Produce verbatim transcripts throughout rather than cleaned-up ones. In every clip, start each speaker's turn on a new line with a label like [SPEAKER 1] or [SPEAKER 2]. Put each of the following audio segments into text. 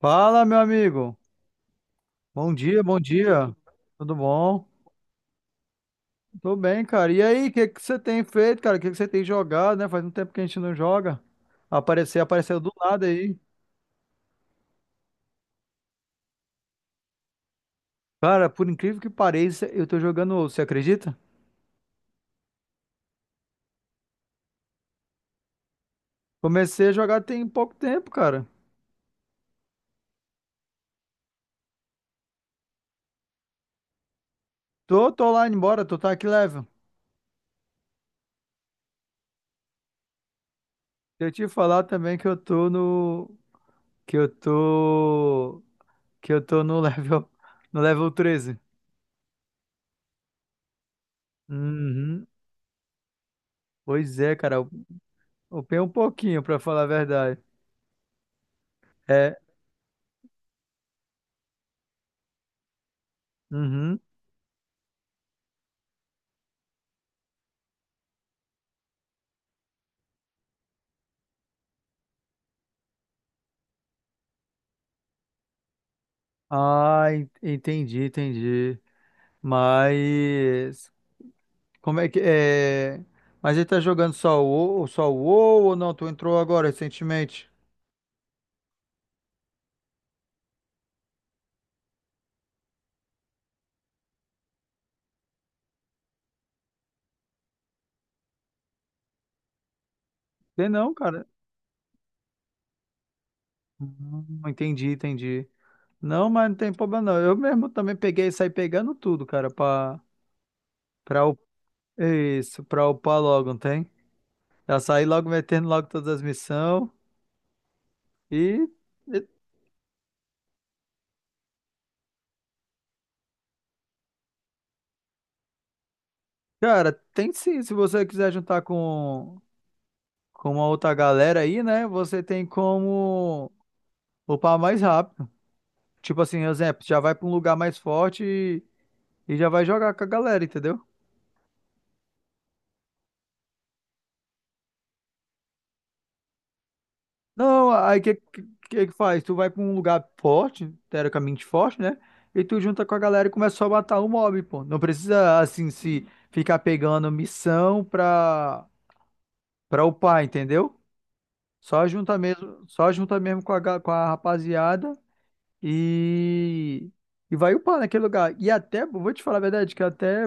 [SPEAKER 1] Fala, meu amigo. Bom dia, bom dia. Tudo bom? Tô bem, cara. E aí, o que que você tem feito, cara? O que que você tem jogado, né? Faz um tempo que a gente não joga. Apareceu, apareceu do nada aí. Cara, por incrível que pareça, eu tô jogando, WoW, você acredita? Comecei a jogar tem pouco tempo, cara. Tô, tô lá embora, tô tá aqui level. Deixa eu te falar também que eu tô no que eu tô que eu tô no level no level treze. Uhum. Pois é, cara, eu upei um pouquinho pra falar a verdade. É, uhum. Ah, en- entendi, entendi. Mas como é que é? Mas ele tá jogando só o WoW- só o WoW ou não? Tu entrou agora recentemente? Sei não, cara. Hum, entendi, entendi. Não, mas não tem problema não. Eu mesmo também peguei e saí pegando tudo, cara, pra, pra, up- isso, pra upar logo, não tem? Já saí logo metendo logo todas as missões. E, e, cara, tem sim, se você quiser juntar com, como a outra galera aí, né? Você tem como upar mais rápido. Tipo assim, exemplo, já vai pra um lugar mais forte e, e já vai jogar com a galera, entendeu? Não, aí o que, que que faz? Tu vai pra um lugar forte, teoricamente forte, né? E tu junta com a galera e começa só a matar o mob, pô. Não precisa, assim, se ficar pegando missão pra, pra upar, entendeu? Só junta mesmo, só junta mesmo com a, ga- com a rapaziada. E, e vai upar naquele lugar. E até, vou te falar a verdade, que até,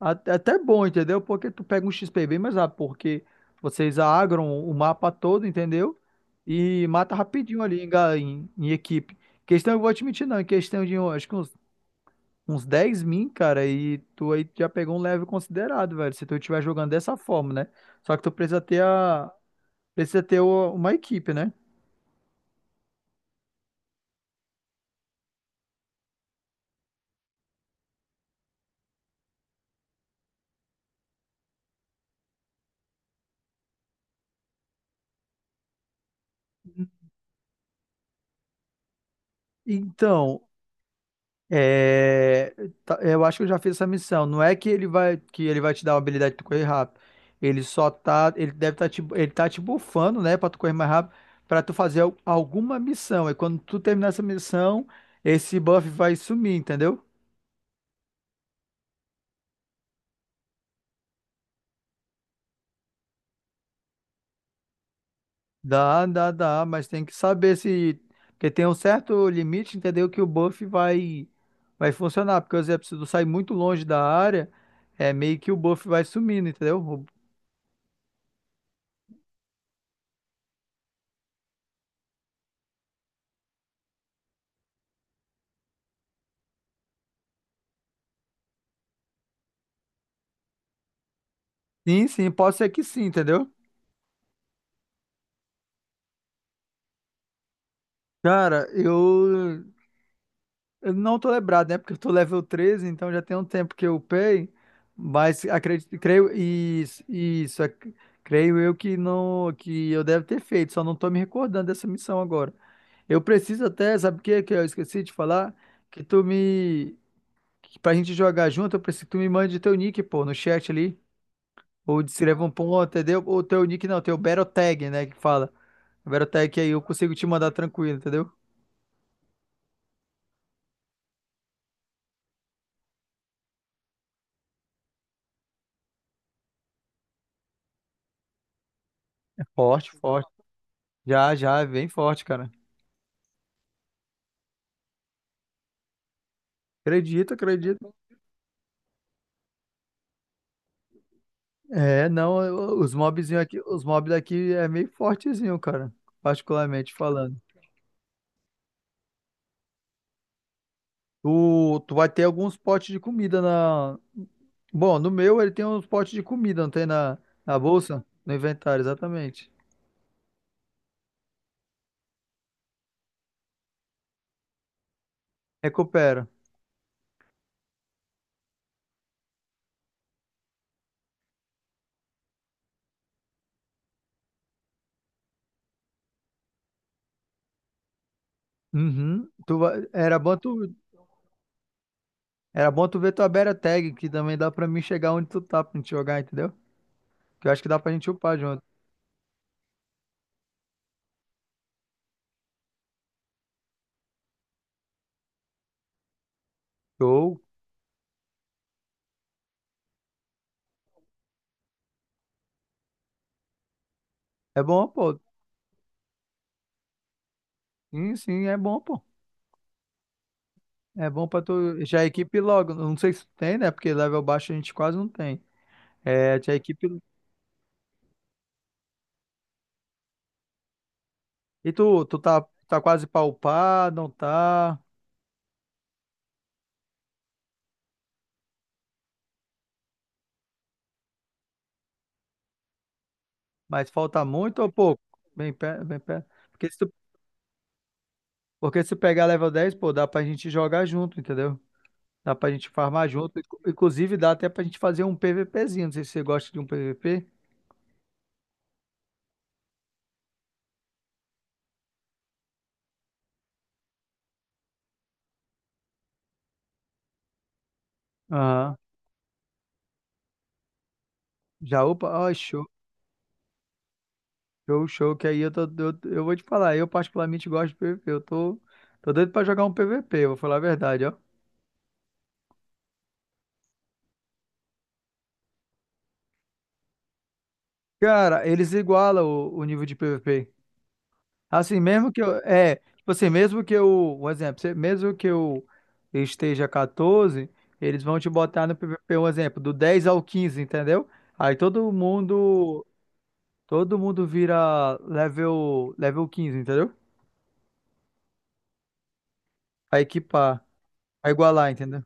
[SPEAKER 1] até, até bom, entendeu? Porque tu pega um X P bem mais rápido, porque vocês agram o mapa todo, entendeu? E mata rapidinho ali em, ga- em, em equipe. Questão, eu vou te mentir, não, em questão de, eu acho que uns, uns dez minutos, cara, e tu aí já pegou um level considerado, velho, se tu estiver jogando dessa forma, né? Só que tu precisa ter a, precisa ter o- uma equipe, né? Então, é, tá- eu acho que eu já fiz essa missão. Não é que ele vai que ele vai te dar uma habilidade de tu correr rápido. Ele só tá, ele deve tá te, ele tá te bufando, né, para tu correr mais rápido, para tu fazer al- alguma missão. E quando tu terminar essa missão, esse buff vai sumir, entendeu? Dá, dá, dá, mas tem que saber se porque tem um certo limite, entendeu? Que o buff vai vai funcionar, porque por exemplo, se tu sair muito longe da área, é meio que o buff vai sumindo, entendeu? O- Sim, sim, pode ser que sim, entendeu? Cara, eu, eu não tô lembrado, né? Porque eu tô level treze, então já tem um tempo que eu upei, mas acredito, creio, isso, isso, ac- creio eu que não, que eu deve ter feito, só não tô me recordando dessa missão agora. Eu preciso até, sabe o que que eu esqueci de falar? Que tu me, que pra gente jogar junto, eu preciso que tu me mande teu nick, pô, no chat ali, ou escreva um ponto, entendeu? Ou teu nick não, teu Battle Tag, né, que fala. Battle Tag que aí eu consigo te mandar tranquilo, entendeu? Forte, forte. Já, já, é bem forte, cara. Acredito, acredito. É, não, eu- os mobzinho aqui, os mobs daqui é meio fortezinho, cara, particularmente falando. Tu, tu vai ter alguns potes de comida na. Bom, no meu ele tem uns potes de comida, não tem na, na bolsa? No inventário, exatamente. Recupera. Uhum. Tu vai- era bom tu, era bom tu ver tua beta Tag, que também dá pra mim chegar onde tu tá pra gente jogar, entendeu? Que eu acho que dá pra gente upar junto. Show. É bom, pô. Sim, sim, é bom, pô. É bom pra tu. Já equipe logo. Não sei se tu tem, né? Porque level baixo a gente quase não tem. É, já equipe. E tu, tu tá, tá quase pra upar, não tá? Mas falta muito ou pouco? Bem perto, bem perto. Porque se tu, porque se pegar level dez, pô, dá pra gente jogar junto, entendeu? Dá pra gente farmar junto. Inclu- Inclusive, dá até pra gente fazer um PVPzinho. Não sei se você gosta de um P V P. Aham. Já upa? Ó, show, show, show. Que aí eu, tô, eu, eu vou te falar. Eu, particularmente, gosto de P V P. Eu tô, tô doido pra jogar um P V P, eu vou falar a verdade, ó. Cara, eles igualam o, o nível de P V P. Assim, mesmo que eu. É, tipo assim, mesmo que eu. Um exemplo, se- mesmo que eu esteja quatorze, eles vão te botar no P V P, um exemplo, do dez ao quinze, entendeu? Aí todo mundo. Todo mundo vira level, level quinze, entendeu? A equipar, a igualar, entendeu?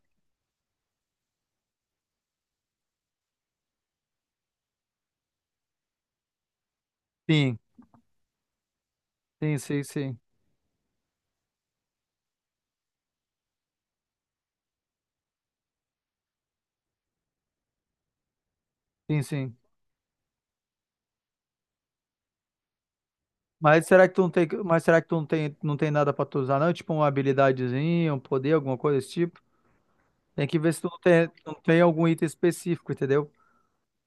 [SPEAKER 1] Sim, sim, sim, sim. Sim, sim. Mas será que tu não tem, mas será que tu não tem, não tem nada pra tu usar, não? Tipo uma habilidadezinha, um poder, alguma coisa desse tipo? Tem que ver se tu não tem, não tem algum item específico, entendeu?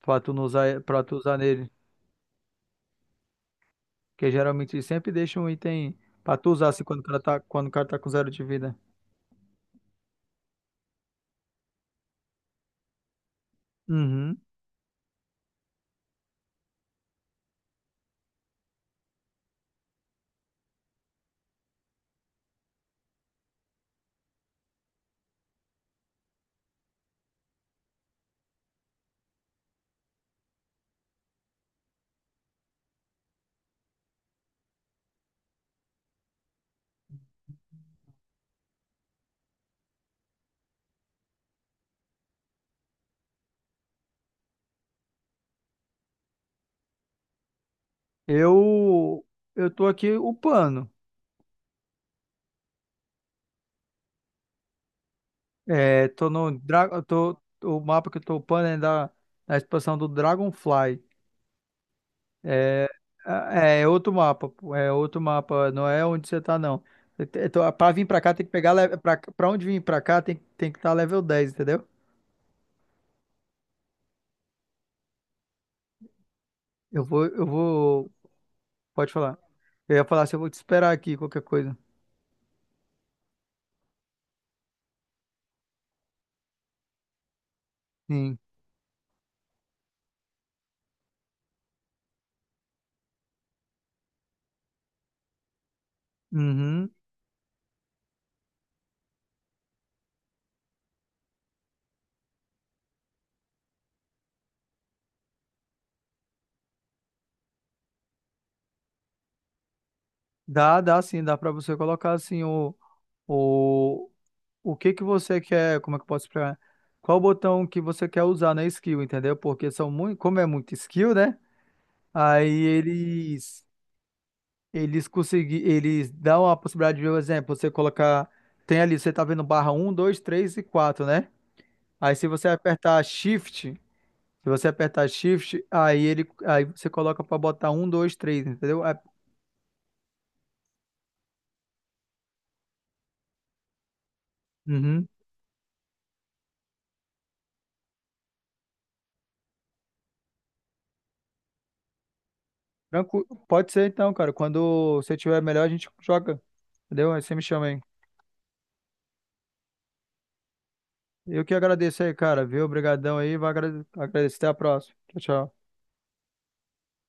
[SPEAKER 1] Pra tu não usar, pra tu usar nele. Porque geralmente eles sempre deixam um item pra tu usar assim quando o cara tá, quando o cara tá com zero de vida. Uhum. Eu, eu tô aqui upando. É, tô no dra- eu tô, o mapa que eu tô upando é da, da expansão do Dragonfly. É, é é outro mapa, pô, é outro mapa, não é onde você tá, não. Eu te- eu tô- Pra vir pra cá tem que pegar, le- pra, pra onde vir pra cá tem, tem que estar level dez, entendeu? Eu vou, eu vou. Pode falar. Eu ia falar se eu vou te esperar aqui, qualquer coisa. Sim. Uhum. Dá, dá sim, dá pra você colocar assim o, o, o que que você quer, como é que eu posso explicar? Qual botão que você quer usar na skill, entendeu? Porque são muito, como é muito skill, né? Aí eles eles consegui, eles dão a possibilidade de, por exemplo, você colocar tem ali, você tá vendo barra um, dois, três e quatro, né? Aí se você apertar Shift Se você apertar Shift, aí ele, aí você coloca para botar um, dois, três, entendeu? É- Uhum. Tranquilo. Pode ser então, cara. Quando você tiver melhor, a gente joga. Entendeu? Aí você me chama aí. Eu que agradeço aí, cara. Viu? Obrigadão aí. Vai agrade- agradecer. Até a próxima. Tchau, tchau.